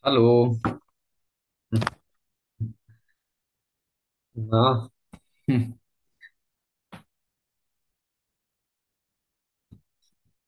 Hallo, na, hm.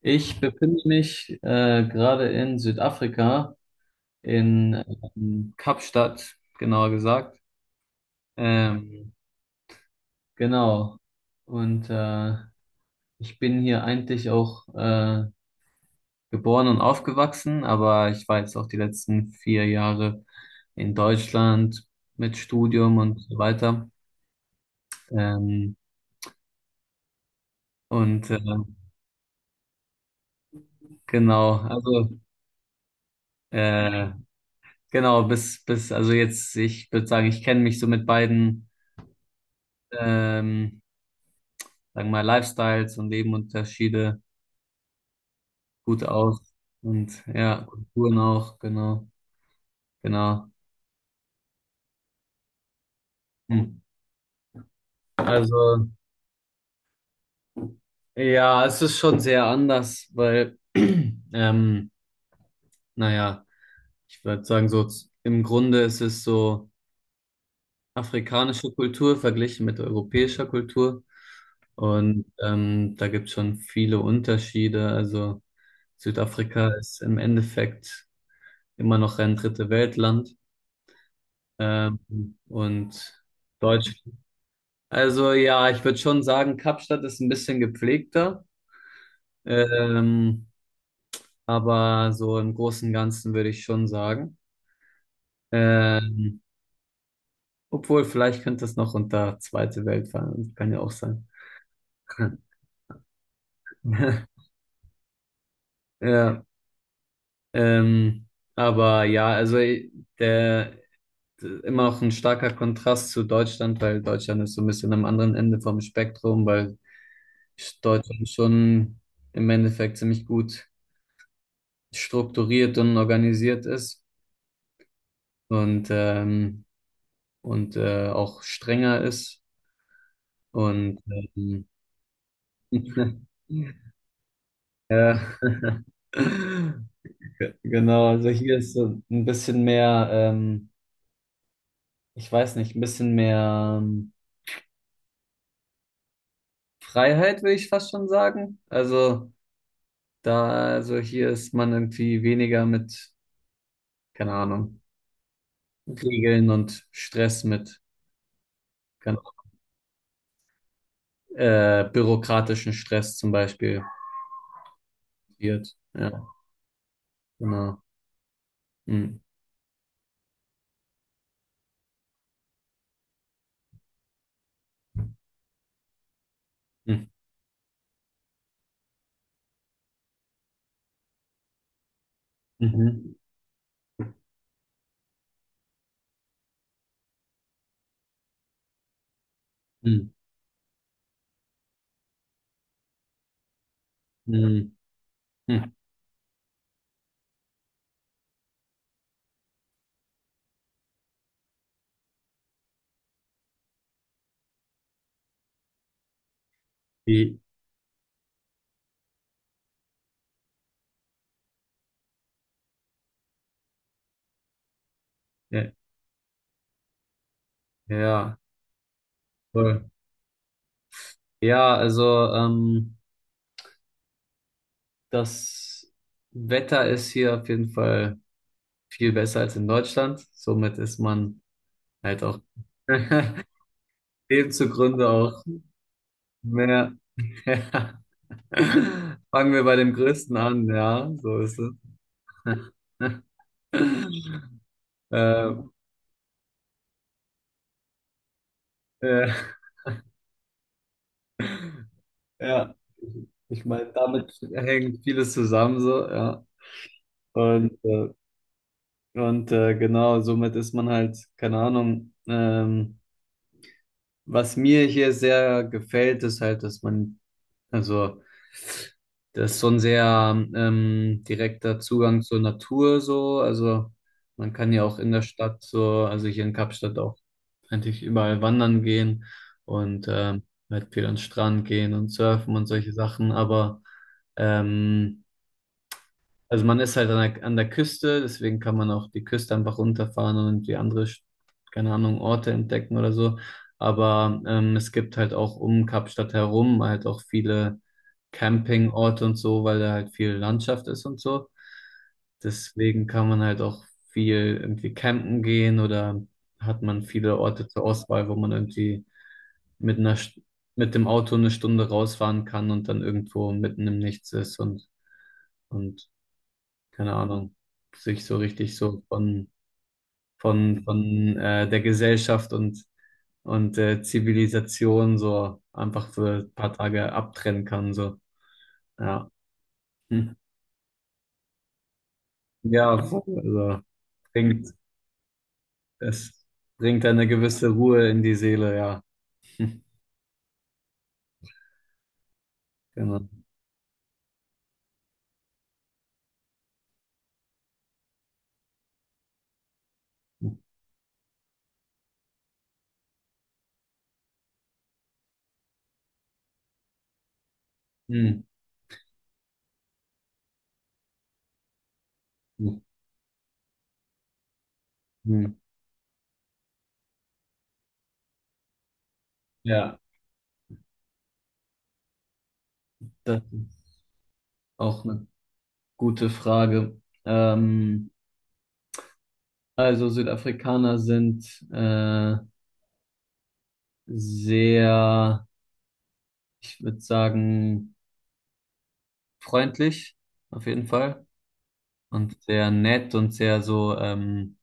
Ich befinde mich gerade in Südafrika, in Kapstadt, genauer gesagt. Ähm, genau. Und ich bin hier eigentlich auch geboren und aufgewachsen, aber ich war jetzt auch die letzten 4 Jahre in Deutschland mit Studium und so weiter. Ähm, und genau, also äh, genau, bis, also jetzt, ich würde sagen, ich kenne mich so mit beiden, ähm, sagen wir mal, Lifestyles und Lebenunterschiede gut aus. Und ja, Kulturen auch, genau, genau. Hm. Also, ja, es ist schon sehr anders, weil, ähm, naja, ich würde sagen, so im Grunde ist es so afrikanische Kultur verglichen mit europäischer Kultur. Und da gibt es schon viele Unterschiede. Also Südafrika ist im Endeffekt immer noch ein dritte Weltland. Ähm, und Deutschland. Also ja, ich würde schon sagen, Kapstadt ist ein bisschen gepflegter. Ähm, aber so im Großen und Ganzen würde ich schon sagen. Ähm, Obwohl, vielleicht könnte es noch unter Zweite Welt fallen. Kann ja auch sein. Ja, ähm, aber ja, also der, immer auch ein starker Kontrast zu Deutschland, weil Deutschland ist so ein bisschen am anderen Ende vom Spektrum, weil Deutschland schon im Endeffekt ziemlich gut strukturiert und organisiert ist und, ähm, und auch strenger ist. Und ähm, ja, Genau, also hier ist so ein bisschen mehr, ich weiß nicht, ein bisschen mehr Freiheit, würde ich fast schon sagen. Also da, also hier ist man irgendwie weniger mit, keine Ahnung, Regeln und Stress mit, keine Ahnung, bürokratischen Stress zum Beispiel. Wird. Ja, genau. Hm. Hm. Mhm. Hm. Hm. Hm. Die- Ja, ja, voll. Ja, also ähm, das Wetter ist hier auf jeden Fall viel besser als in Deutschland. Somit ist man halt auch dem zugrunde auch mehr. Fangen wir bei dem Größten an, ja, so ist es. äh, äh, ja, ich meine, damit hängt vieles zusammen, so, ja. Und, äh, und genau, somit ist man halt, keine Ahnung, was mir hier sehr gefällt, ist halt, dass man, also, das ist so ein sehr direkter Zugang zur Natur, so, also, man kann ja auch in der Stadt, so, also hier in Kapstadt auch. Eigentlich überall wandern gehen und halt viel an den Strand gehen und surfen und solche Sachen, aber ähm, also man ist halt an der Küste, deswegen kann man auch die Küste einfach runterfahren und die andere, keine Ahnung, Orte entdecken oder so. Aber es gibt halt auch um Kapstadt herum halt auch viele Campingorte und so, weil da halt viel Landschaft ist und so. Deswegen kann man halt auch viel irgendwie campen gehen oder hat man viele Orte zur Auswahl, wo man irgendwie mit einer, St- mit dem Auto 1 Stunde rausfahren kann und dann irgendwo mitten im Nichts ist und keine Ahnung, sich so richtig so von der Gesellschaft und Zivilisation so einfach für ein paar Tage abtrennen kann. So. Ja. Hm. Ja, voll. Also bringt, es bringt eine gewisse Ruhe in die Seele, ja. Genau. Hm. Hm. Hm. Ja, das ist auch eine gute Frage. Ähm, also Südafrikaner sind äh, sehr, ich würde sagen, freundlich, auf jeden Fall. Und sehr nett und sehr so,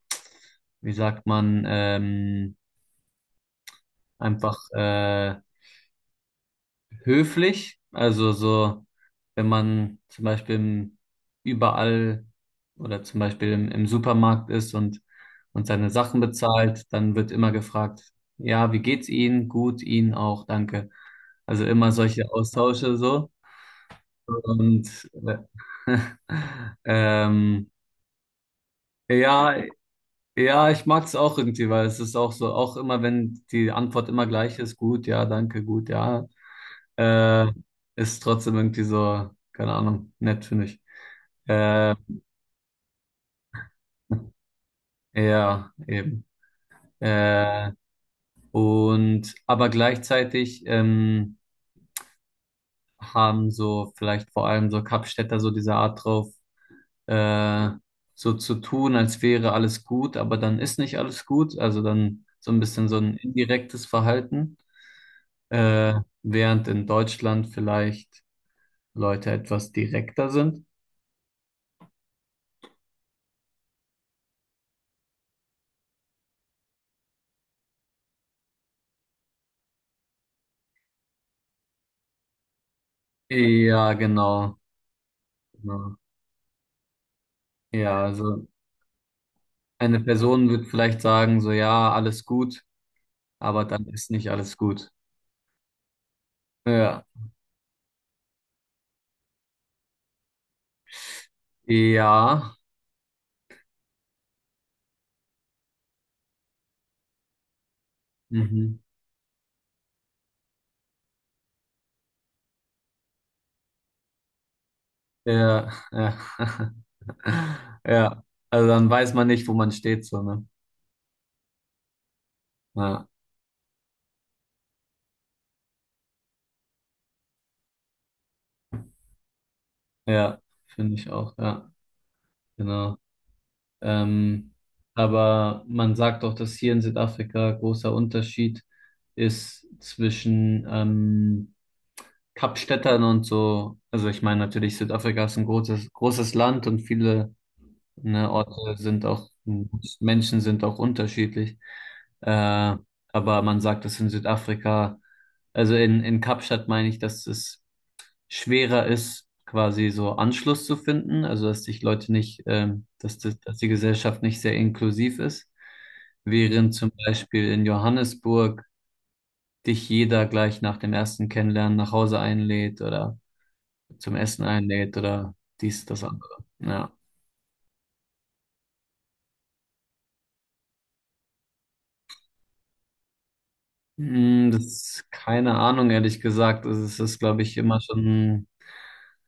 wie sagt man, einfach höflich. Also so, wenn man zum Beispiel überall oder zum Beispiel im Supermarkt ist und seine Sachen bezahlt, dann wird immer gefragt, ja, wie geht's Ihnen? Gut, Ihnen auch, danke. Also immer solche Austausche so. Und äh, ähm, ja, ja, ich mag es auch irgendwie, weil es ist auch so, auch immer, wenn die Antwort immer gleich ist, gut, ja, danke, gut, ja, äh, ist trotzdem irgendwie so, keine Ahnung, nett, finde ich. Äh, ja, eben. Äh, und, aber gleichzeitig haben so vielleicht vor allem so Kapstädter so diese Art drauf, äh, so zu tun, als wäre alles gut, aber dann ist nicht alles gut, also dann so ein bisschen so ein indirektes Verhalten. äh, Während in Deutschland vielleicht Leute etwas direkter sind. Ja, genau. Genau. Ja, also eine Person wird vielleicht sagen, so ja, alles gut, aber dann ist nicht alles gut. Ja. Ja. Mhm. Ja, ja. Ja. Also dann weiß man nicht, wo man steht, so, ne? Ja, ja, finde ich auch, ja, genau. Ähm, aber man sagt auch, dass hier in Südafrika großer Unterschied ist zwischen Kapstädtern und so. Also ich meine natürlich, Südafrika ist ein großes, großes Land und viele ne, Orte sind auch, Menschen sind auch unterschiedlich. Äh, aber man sagt, dass in Südafrika, also in Kapstadt meine ich, dass es schwerer ist, quasi so Anschluss zu finden, also dass sich Leute nicht, dass die Gesellschaft nicht sehr inklusiv ist, während zum Beispiel in Johannesburg dich jeder gleich nach dem ersten Kennenlernen nach Hause einlädt oder zum Essen einlädt oder dies, das andere. Ja. Hm, das ist keine Ahnung, ehrlich gesagt. Das ist, glaube ich, immer schon,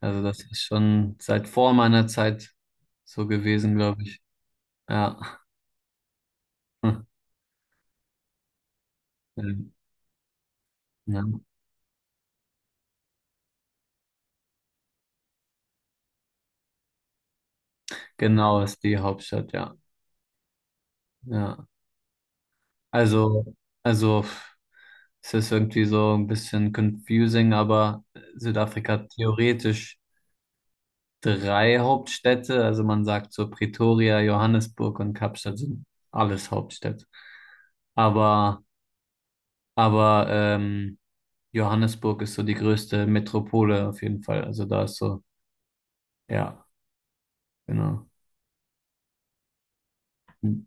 also das ist schon seit vor meiner Zeit so gewesen, glaube ich. Ja. Ja. Genau, ist die Hauptstadt, ja. Ja. Also, also pff, es ist irgendwie so ein bisschen confusing, aber Südafrika hat theoretisch drei Hauptstädte. Also man sagt so Pretoria, Johannesburg und Kapstadt sind alles Hauptstädte. Aber, aber Johannesburg ist so die größte Metropole auf jeden Fall. Also da ist so, ja, genau. Hm.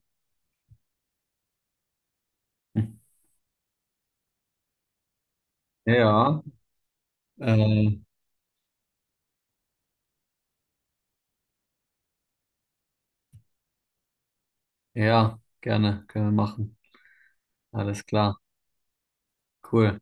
Ja, äh, ja, gerne, können wir machen. Alles klar, cool.